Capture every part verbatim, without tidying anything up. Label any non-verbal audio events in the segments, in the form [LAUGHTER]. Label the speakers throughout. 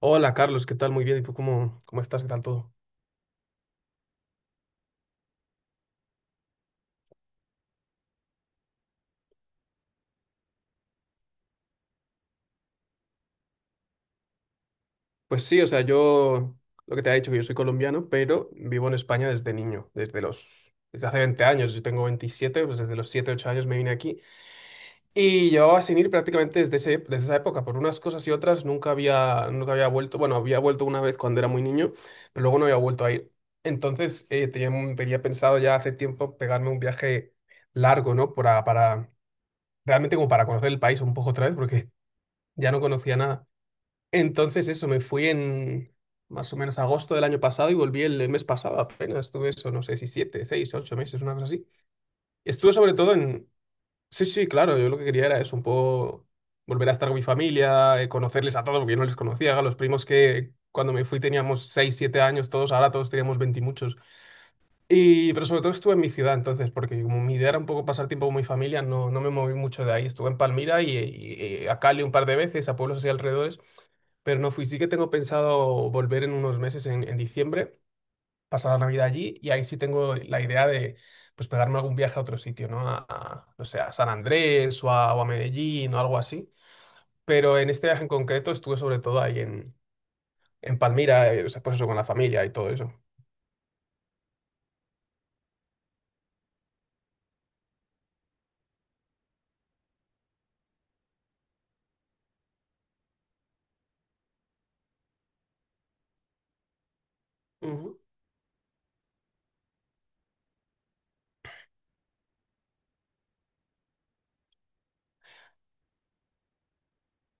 Speaker 1: Hola Carlos, ¿qué tal? Muy bien. ¿Y tú cómo, cómo estás? ¿Qué tal todo? Pues sí, o sea, yo lo que te he dicho, que yo soy colombiano, pero vivo en España desde niño, desde los, desde hace veinte años. Yo tengo veintisiete, pues desde los siete ocho años me vine aquí. Y llevaba sin ir prácticamente desde ese- desde esa época. Por unas cosas y otras nunca había, nunca había vuelto. Bueno, había vuelto una vez cuando era muy niño, pero luego no había vuelto a ir. Entonces, eh, tenía, un- tenía pensado ya hace tiempo pegarme un viaje largo, ¿no? Para, para, realmente como para conocer el país un poco otra vez, porque ya no conocía nada. Entonces eso, me fui en más o menos agosto del año pasado y volví el mes pasado apenas. Estuve eso, no sé si siete, seis, ocho meses, una cosa así. Estuve sobre todo en... Sí, sí, claro, yo lo que quería era eso, un poco volver a estar con mi familia, eh, conocerles a todos, porque yo no les conocía, a los primos que cuando me fui teníamos seis, siete años todos, ahora todos teníamos veinte y muchos. Y, pero sobre todo estuve en mi ciudad entonces, porque como mi idea era un poco pasar tiempo con mi familia, no, no me moví mucho de ahí. Estuve en Palmira y, y- y a Cali un par de veces, a pueblos así alrededores, pero no fui. Sí que tengo pensado volver en unos meses, en, en diciembre, pasar la Navidad allí y ahí sí tengo la idea de pues pegarme algún viaje a otro sitio, ¿no? A, a, no sé, a San Andrés o a, o a Medellín o algo así. Pero en este viaje en concreto estuve sobre todo ahí en, en Palmira, eh, o sea, pues eso, con la familia y todo eso.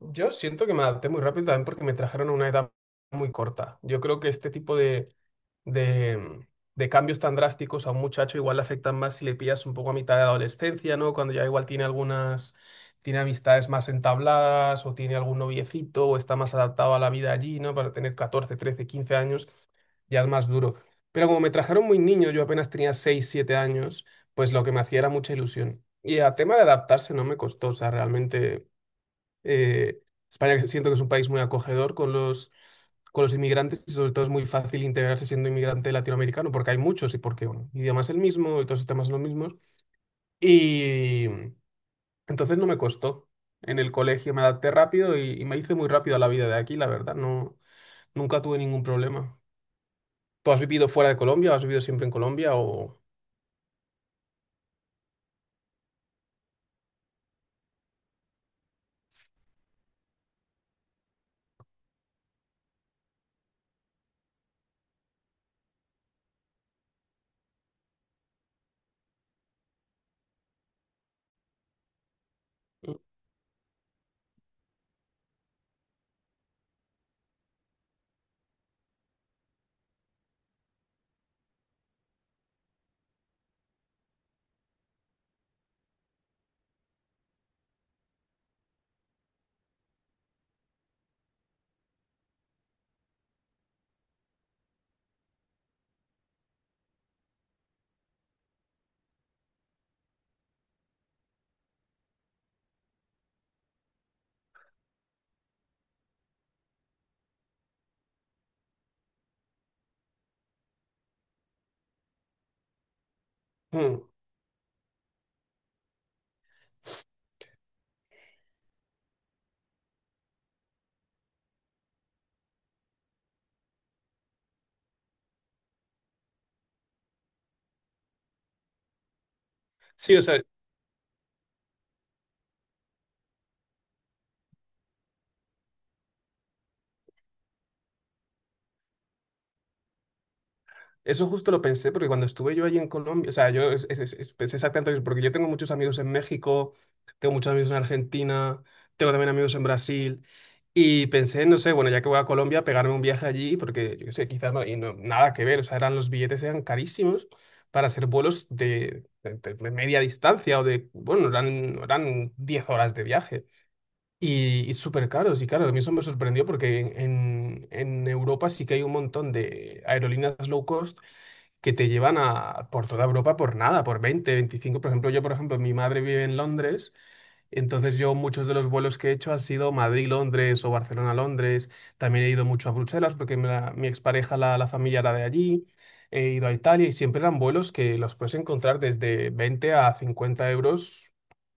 Speaker 1: Yo siento que me adapté muy rápido también porque me trajeron a una edad muy corta. Yo creo que este tipo de, de, de cambios tan drásticos a un muchacho igual le afectan más si le pillas un poco a mitad de adolescencia, ¿no? Cuando ya igual tiene algunas, tiene amistades más entabladas o tiene algún noviecito o está más adaptado a la vida allí, ¿no? Para tener catorce, trece, quince años ya es más duro. Pero como me trajeron muy niño, yo apenas tenía seis siete años, pues lo que me hacía era mucha ilusión. Y a tema de adaptarse no me costó, o sea, realmente... Eh, España siento que es un país muy acogedor con los, con los inmigrantes, y sobre todo es muy fácil integrarse siendo inmigrante latinoamericano porque hay muchos y porque, bueno, el idioma es el mismo y todos los temas son los mismos. Y entonces no me costó. En el colegio me adapté rápido y, y me hice muy rápido a la vida de aquí, la verdad. No, nunca tuve ningún problema. ¿Tú has vivido fuera de Colombia? ¿O has vivido siempre en Colombia? O... Mm. Sí, o sea, eso justo lo pensé porque cuando estuve yo allí en Colombia, o sea, yo es, es- es- es- pensé exactamente eso, porque yo tengo muchos amigos en México, tengo muchos amigos en Argentina, tengo también amigos en Brasil, y pensé, no sé, bueno, ya que voy a Colombia, pegarme un viaje allí, porque yo qué sé, quizás no, y no- nada que ver, o sea, eran los billetes eran carísimos para hacer vuelos de, de- de media distancia o de, bueno, eran, eran diez horas de viaje. Y, y súper caros. Y claro, a mí eso me sorprendió porque en, en- en Europa sí que hay un montón de aerolíneas low cost que te llevan a, por toda Europa por nada, por veinte, veinticinco. Por ejemplo, yo, por ejemplo, mi madre vive en Londres, entonces yo muchos de los vuelos que he hecho han sido Madrid-Londres o Barcelona-Londres. También he ido mucho a Bruselas porque me la- mi expareja, la, la familia era de allí. He ido a Italia y siempre eran vuelos que los puedes encontrar desde veinte a cincuenta euros,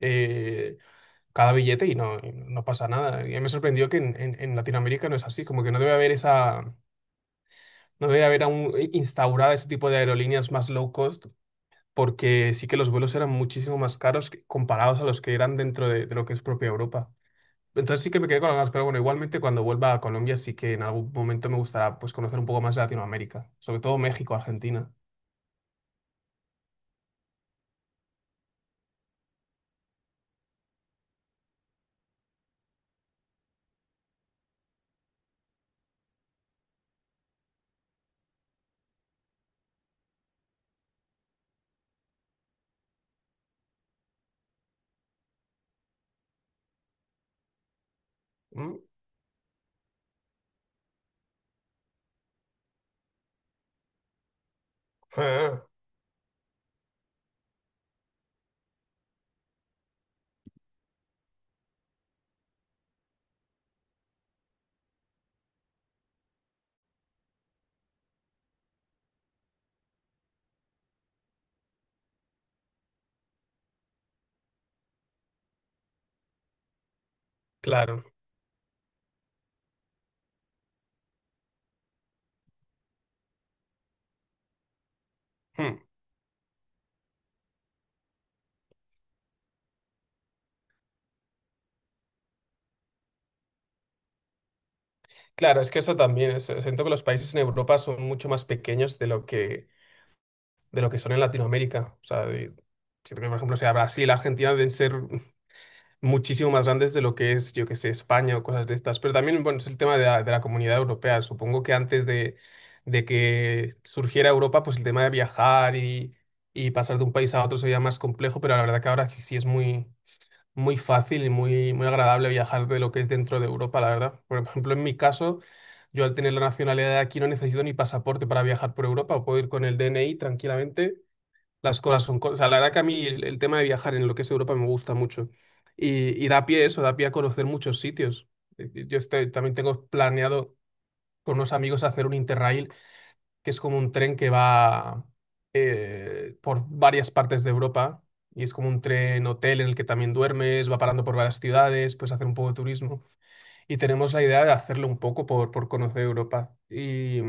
Speaker 1: eh, cada billete y no, y no pasa nada. Y me sorprendió que en, en- en Latinoamérica no es así, como que no debe haber esa, no debe haber aún instaurada ese tipo de aerolíneas más low cost, porque sí que los vuelos eran muchísimo más caros que- comparados a los que eran dentro de, de lo que es propia Europa. Entonces sí que me quedé con las ganas, pero bueno, igualmente cuando vuelva a Colombia sí que en algún momento me gustará pues conocer un poco más de Latinoamérica, sobre todo México, Argentina. Mm, ah, claro. Hmm. Claro, es que eso también, es- siento que los países en Europa son mucho más pequeños de lo que de lo que son en Latinoamérica. O sea, de- siento que, por ejemplo, o sea, Brasil, Argentina deben ser [LAUGHS] muchísimo más grandes de lo que es, yo que sé, España o cosas de estas. Pero también, bueno, es el tema de la, de la comunidad europea. Supongo que antes de, de que surgiera Europa, pues el tema de viajar y, y pasar de un país a otro sería más complejo, pero la verdad que ahora sí es muy, muy fácil y muy, muy agradable viajar de lo que es dentro de Europa, la verdad. Por ejemplo, en mi caso... Yo al tener la nacionalidad de aquí no necesito ni pasaporte para viajar por Europa, puedo ir con el D N I tranquilamente, las cosas son cosas. O sea, la verdad que a mí el, el tema de viajar en lo que es Europa me gusta mucho. Y, y da pie eso, da pie a conocer muchos sitios. Eh, eh, Yo estoy- también tengo planeado con unos amigos hacer un Interrail, que es como un tren que va eh, por varias partes de Europa. Y es como un tren hotel en el que también duermes, va parando por varias ciudades, puedes hacer un poco de turismo. Y tenemos la idea de hacerlo un poco por, por conocer Europa. Y.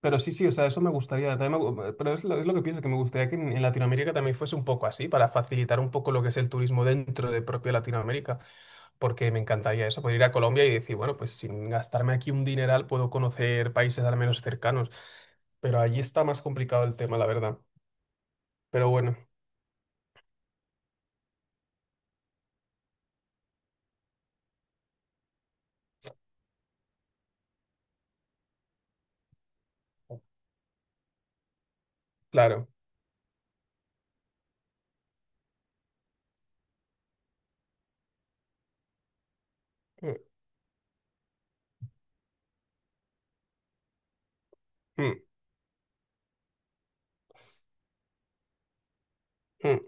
Speaker 1: Pero sí, sí, o sea, eso me gustaría. También me gu- pero es lo, es lo que pienso, que me gustaría que en, en Latinoamérica también fuese un poco así, para facilitar un poco lo que es el turismo dentro de propia Latinoamérica, porque me encantaría eso, poder ir a Colombia y decir, bueno, pues sin gastarme aquí un dineral puedo conocer países al menos cercanos. Pero allí está más complicado el tema, la verdad. Pero bueno, claro. Mm, mm, mm,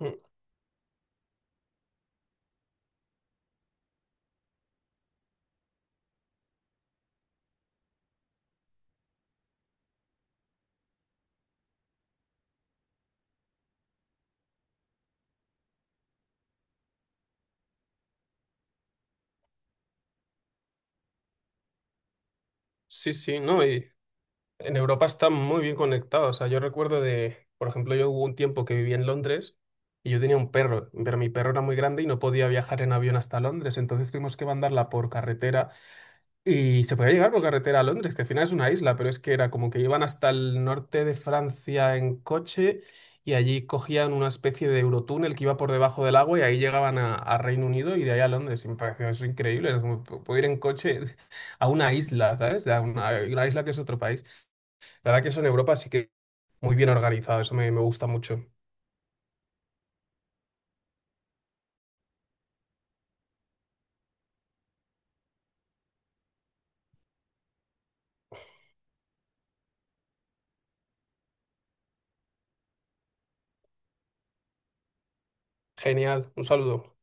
Speaker 1: mm. Sí, sí, no, y en Europa está muy bien conectado. O sea, yo recuerdo de, por ejemplo, yo hubo un tiempo que viví en Londres y yo tenía un perro, pero mi perro era muy grande y no podía viajar en avión hasta Londres. Entonces tuvimos que mandarla por carretera y se podía llegar por carretera a Londres, que al final es una isla, pero es que era como que iban hasta el norte de Francia en coche y allí cogían una especie de eurotúnel que iba por debajo del agua y ahí llegaban a, a Reino Unido y de ahí a Londres. Y me pareció eso increíble. Es como, puedo ir en coche [LAUGHS] a una isla, ¿sabes? A una, a una isla que es otro país. La verdad que eso en Europa sí que muy bien organizado, eso me, me gusta mucho. Genial, un saludo.